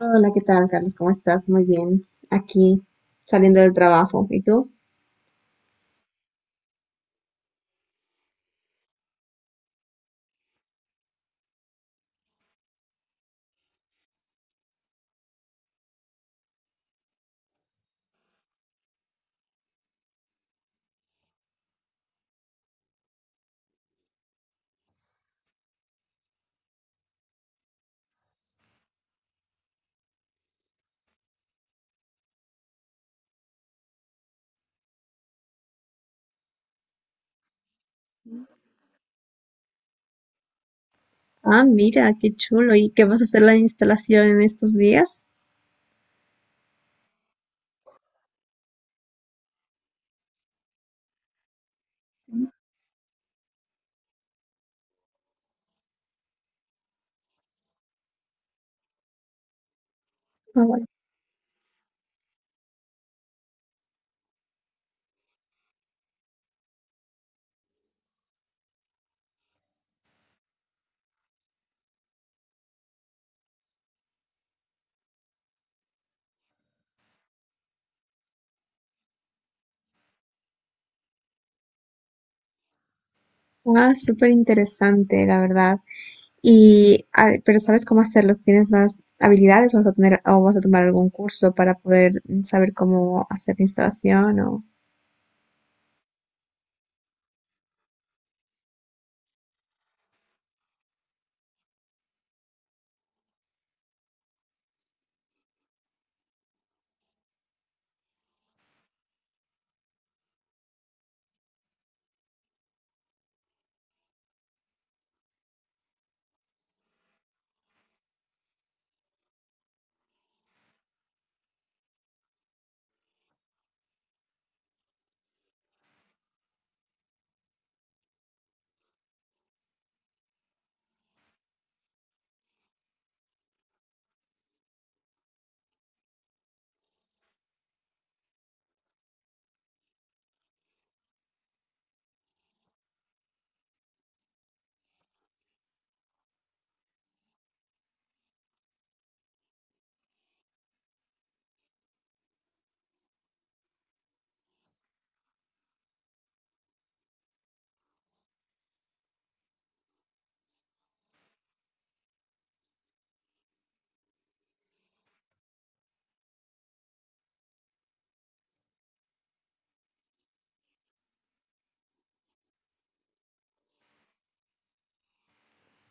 Hola, ¿qué tal, Carlos? ¿Cómo estás? Muy bien. Aquí saliendo del trabajo. ¿Y tú? Ah, mira, qué chulo. ¿Y qué vas a hacer la instalación en estos días? Ah, bueno. Ah, súper interesante, la verdad. Y, ah, pero ¿sabes cómo hacerlos? ¿Tienes las habilidades o vas a tener, o vas a tomar algún curso para poder saber cómo hacer la instalación?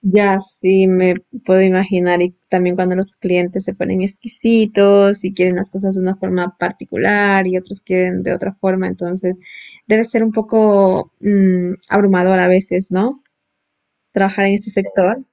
Ya, sí, me puedo imaginar. Y también cuando los clientes se ponen exquisitos y quieren las cosas de una forma particular y otros quieren de otra forma, entonces debe ser un poco abrumador a veces, ¿no? Trabajar en este sector.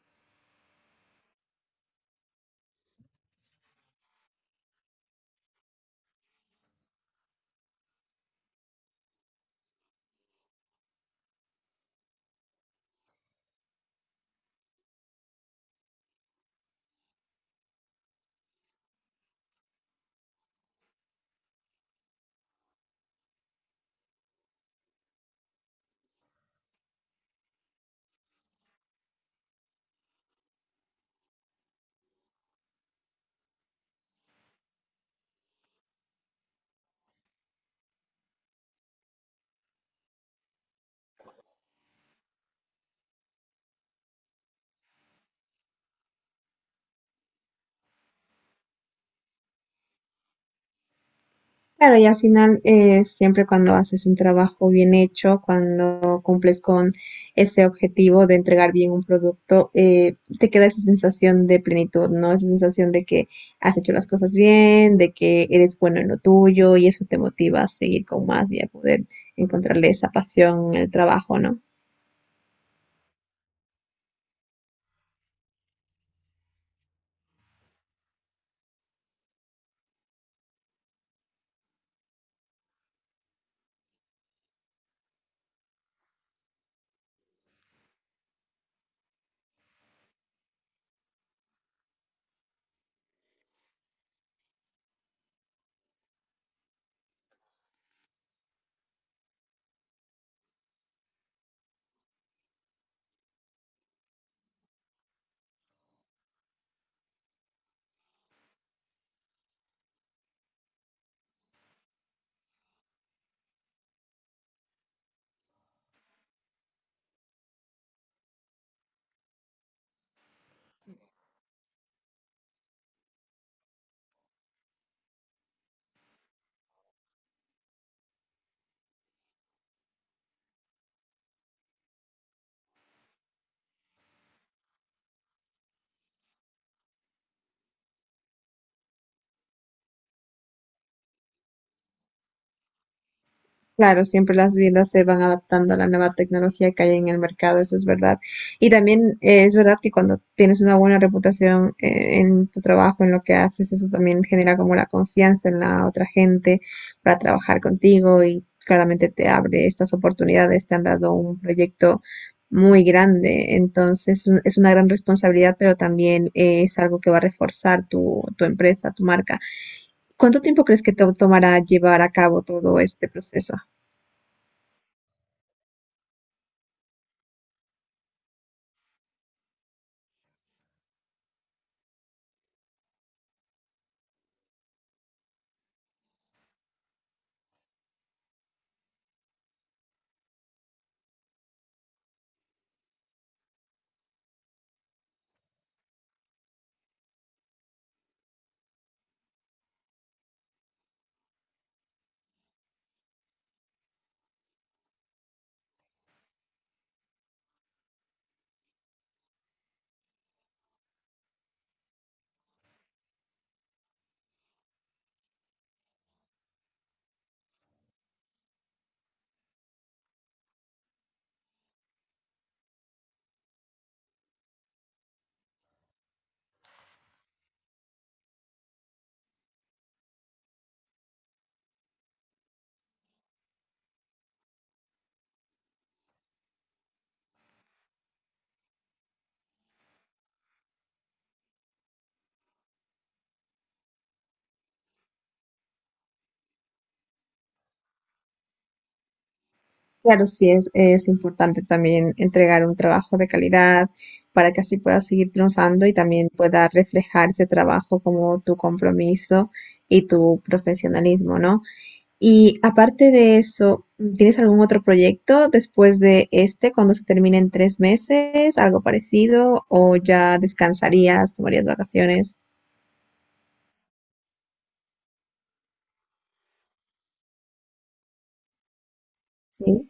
Claro, y al final, siempre cuando haces un trabajo bien hecho, cuando cumples con ese objetivo de entregar bien un producto, te queda esa sensación de plenitud, ¿no? Esa sensación de que has hecho las cosas bien, de que eres bueno en lo tuyo y eso te motiva a seguir con más y a poder encontrarle esa pasión en el trabajo, ¿no? Claro, siempre las viviendas se van adaptando a la nueva tecnología que hay en el mercado, eso es verdad. Y también es verdad que cuando tienes una buena reputación en tu trabajo, en lo que haces, eso también genera como la confianza en la otra gente para trabajar contigo y claramente te abre estas oportunidades, te han dado un proyecto muy grande, entonces es una gran responsabilidad, pero también es algo que va a reforzar tu empresa, tu marca. ¿Cuánto tiempo crees que te tomará llevar a cabo todo este proceso? Claro, sí, es importante también entregar un trabajo de calidad para que así puedas seguir triunfando y también pueda reflejar ese trabajo como tu compromiso y tu profesionalismo, ¿no? Y aparte de eso, ¿tienes algún otro proyecto después de este, cuando se termine en 3 meses, algo parecido, o ya descansarías, tomarías vacaciones? Sí.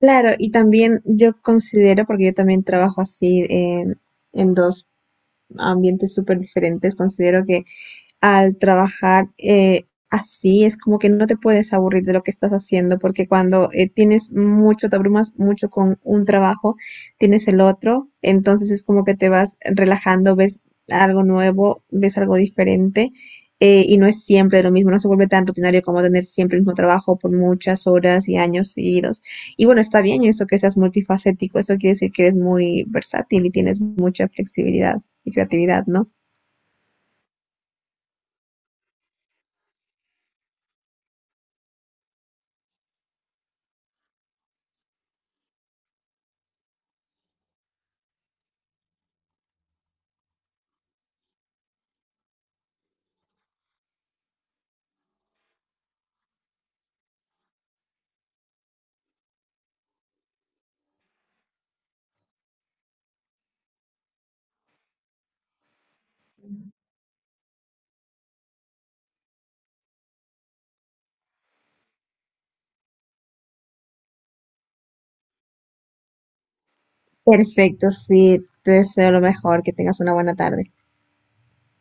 Claro, y también yo considero, porque yo también trabajo así en 2 ambientes súper diferentes. Considero que al trabajar así, es como que no te puedes aburrir de lo que estás haciendo, porque cuando tienes mucho, te abrumas mucho con un trabajo, tienes el otro, entonces es como que te vas relajando, ves algo nuevo, ves algo diferente. Y no es siempre lo mismo, no se vuelve tan rutinario como tener siempre el mismo trabajo por muchas horas y años seguidos. Y bueno, está bien eso que seas multifacético, eso quiere decir que eres muy versátil y tienes mucha flexibilidad y creatividad, ¿no? Perfecto, sí, te deseo lo mejor, que tengas una buena tarde.